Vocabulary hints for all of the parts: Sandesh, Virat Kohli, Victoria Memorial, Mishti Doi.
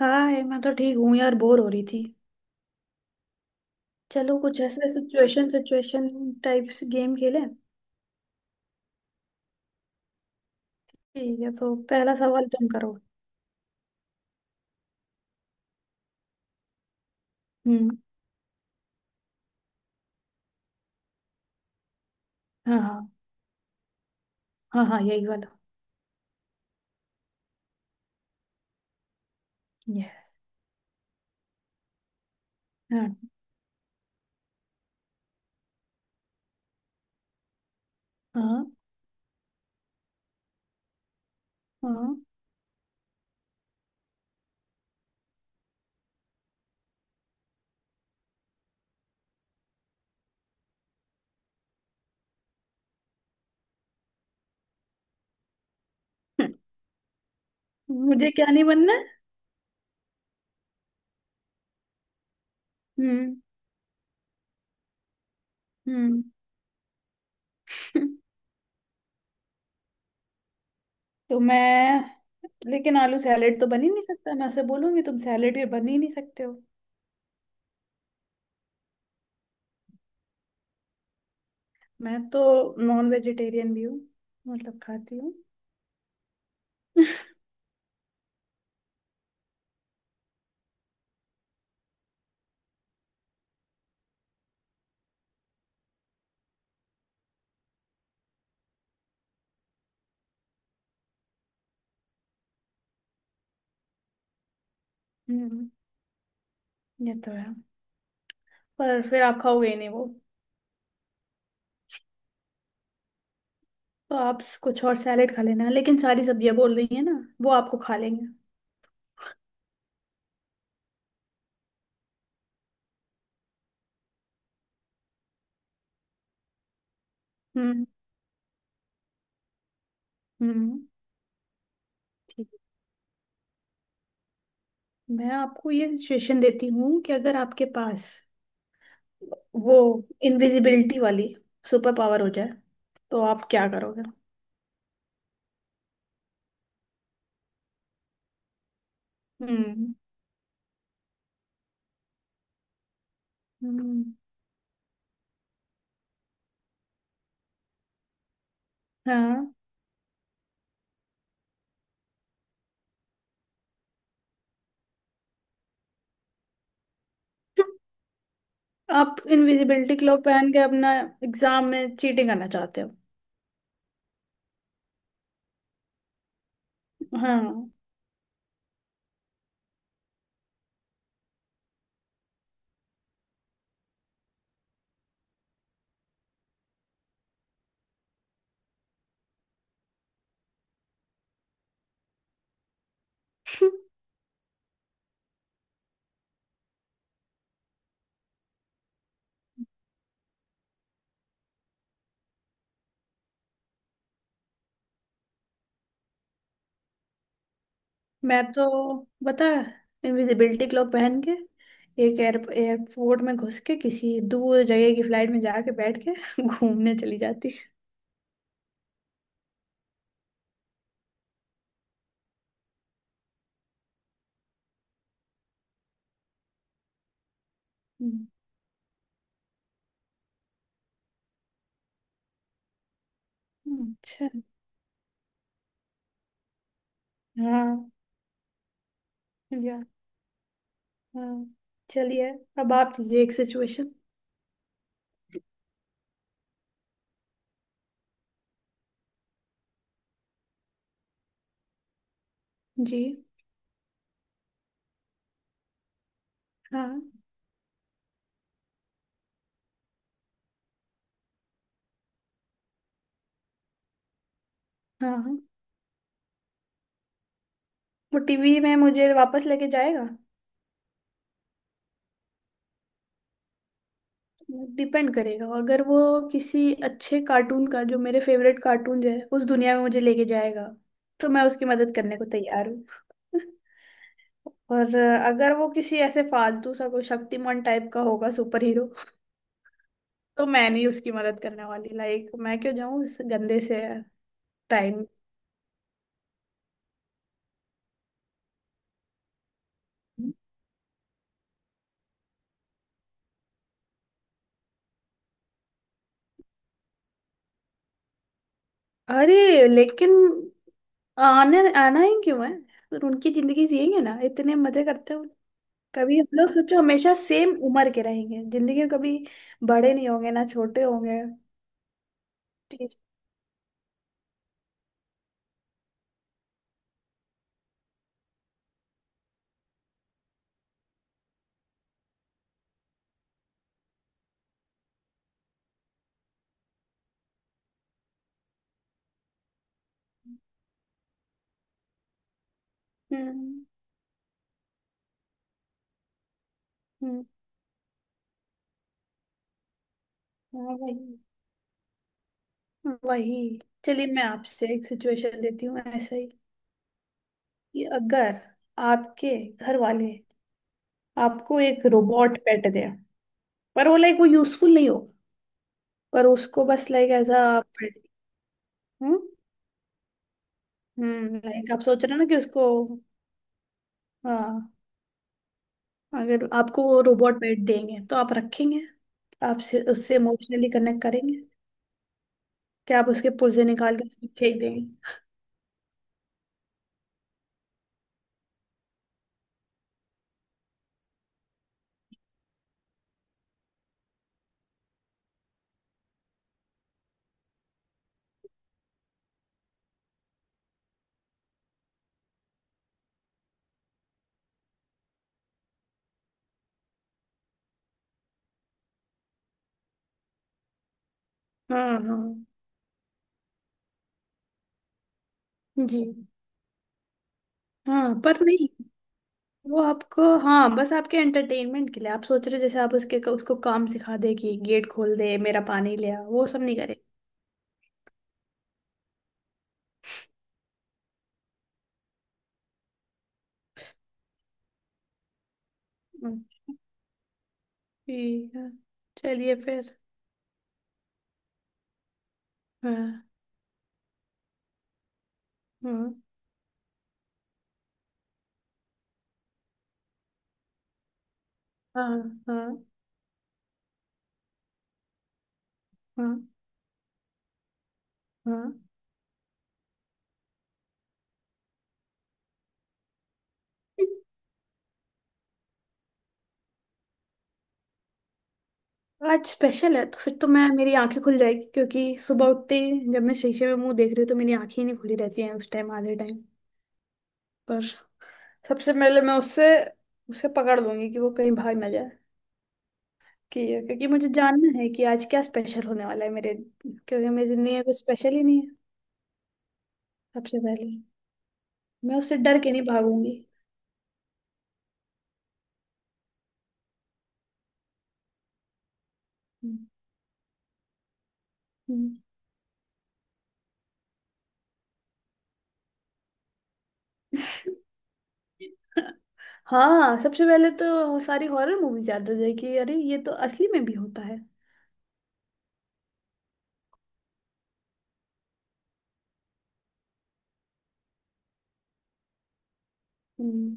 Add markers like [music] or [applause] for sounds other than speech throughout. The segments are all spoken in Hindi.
हाय, मैं तो ठीक हूँ यार, बोर हो रही थी। चलो, कुछ ऐसे सिचुएशन सिचुएशन टाइप्स गेम खेलें। ठीक है, तो पहला सवाल तुम करो। हम्म। हाँ, हाँ। हाँ, हाँ, यही वाला। यस। हाँ, हाँ, हाँ। मुझे क्या नहीं बनना है? हम्म। हम्म। [laughs] तो मैं लेकिन आलू सैलेड तो बन ही नहीं सकता। मैं उसे बोलूंगी तुम सैलेड के बन ही नहीं सकते हो। मैं तो नॉन वेजिटेरियन भी हूँ। मतलब, खाती हूँ। [laughs] हम्म। ये तो है। पर फिर आप खाओगे ही नहीं वो। तो आप कुछ और सैलेड खा लेना, लेकिन सारी सब्जियां बोल रही है ना, वो आपको खा लेंगे। हम्म, हम्म। ठीक। मैं आपको ये सजेशन देती हूँ कि अगर आपके पास वो इनविजिबिलिटी वाली सुपर पावर हो जाए तो आप क्या करोगे? हम्म, हम्म, हाँ। आप इनविजिबिलिटी क्लोथ पहन के अपना एग्जाम में चीटिंग करना चाहते हो? हाँ। मैं तो, पता है, इनविजिबिलिटी क्लॉक पहन के एक एयरपोर्ट में घुस के किसी दूर जगह की फ्लाइट में जाके बैठ के [laughs] घूमने चली जाती। हम्म, अच्छा। हाँ। या। हाँ, चलिए, अब आप दीजिए एक सिचुएशन। जी। हाँ, हाँ, हाँ। वो टीवी में मुझे वापस लेके जाएगा। डिपेंड करेगा। अगर वो किसी अच्छे कार्टून का, जो मेरे फेवरेट कार्टून है, उस दुनिया में मुझे लेके जाएगा तो मैं उसकी मदद करने को तैयार हूँ। [laughs] और अगर वो किसी ऐसे फालतू सा कोई शक्तिमान टाइप का होगा सुपर हीरो, तो मैं नहीं उसकी मदद करने वाली। लाइक, मैं क्यों जाऊं इस गंदे से टाइम। अरे, लेकिन आने आना ही क्यों है? उनकी जिंदगी जिएंगे ना, इतने मजे करते हैं। कभी हम लोग, सोचो, हमेशा सेम उम्र के रहेंगे जिंदगी में। कभी बड़े नहीं होंगे, ना छोटे होंगे। ठीक। हम्म, हम्म। हाँ, वही। वही। चलिए, मैं आपसे एक सिचुएशन देती हूँ ऐसा ही। कि अगर आपके घर वाले आपको एक रोबोट पेट दे, पर वो, लाइक, वो यूजफुल नहीं हो, पर उसको बस like as a pet. Hmm, hmm, like आप सोच रहे हो ना कि उसको। हाँ। अगर आपको वो रोबोट पेट देंगे तो आप रखेंगे? आपसे उससे इमोशनली कनेक्ट करेंगे? कि आप उसके पुर्जे निकाल के उसको फेंक देंगे? हाँ, हाँ, जी, हाँ। पर नहीं, वो आपको, हाँ, बस आपके एंटरटेनमेंट के लिए आप सोच रहे हो, जैसे आप उसके उसको काम सिखा दे कि गेट खोल दे, मेरा पानी ले आ, वो सब नहीं करे। हम्म, ठीक है, चलिए फिर। हाँ, हाँ, हाँ, हाँ, हाँ, हाँ। आज स्पेशल है तो फिर तो मैं मेरी आंखें खुल जाएगी, क्योंकि सुबह उठते ही जब मैं शीशे में मुंह देख रही हूँ तो मेरी आंखें ही नहीं खुली रहती हैं उस टाइम, आधे टाइम। पर सबसे पहले मैं उससे उसे पकड़ लूंगी कि वो कहीं भाग ना जाए। कि क्योंकि मुझे जानना है कि आज क्या स्पेशल होने वाला है मेरे। क्योंकि मेरी जिंदगी में कुछ स्पेशल ही नहीं है। सबसे पहले मैं उससे डर के नहीं भागूंगी। [laughs] हम्म, हम्म। हाँ, सबसे पहले तो सारी हॉरर मूवीज याद हो जाएगी। अरे, ये तो असली में भी होता है। हम्म,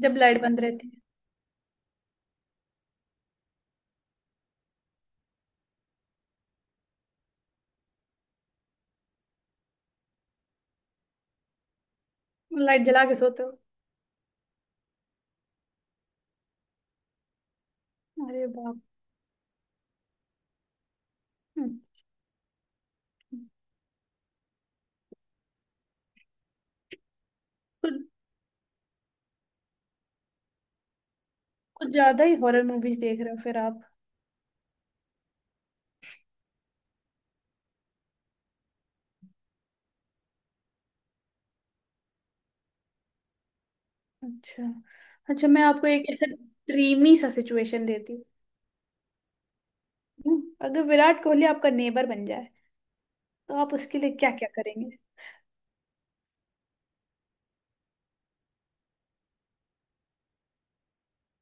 जब लाइट बंद रहती है। लाइट जला के सोते हो? अरे बाप। अच्छा। कुछ कुछ ज्यादा ही हॉरर मूवीज देख रहे हो फिर आप। अच्छा। अच्छा, मैं आपको एक ऐसा ड्रीमी सा सिचुएशन देती हूँ। अगर विराट कोहली आपका नेबर बन जाए तो आप उसके लिए क्या क्या करेंगे?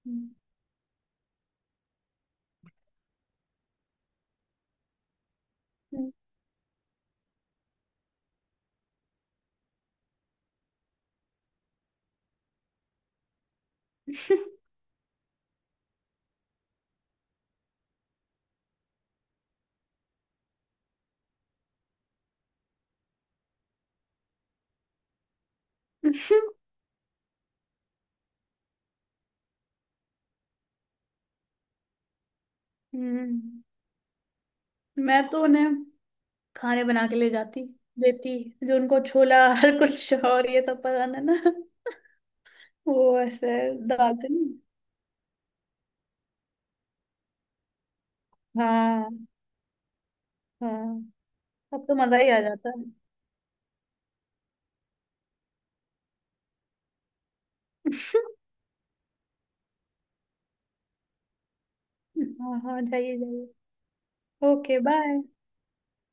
हम्म। [laughs] हम्म। मैं तो उन्हें खाने बना के ले जाती, देती, जो उनको छोला [laughs] हर कुछ और ये सब पसंद है ना। वो ऐसे डालते नहीं। हाँ, हाँ। अब तो मजा ही आ जाता है। [laughs] हाँ, हाँ, जाइए, जाइए। Okay, bye.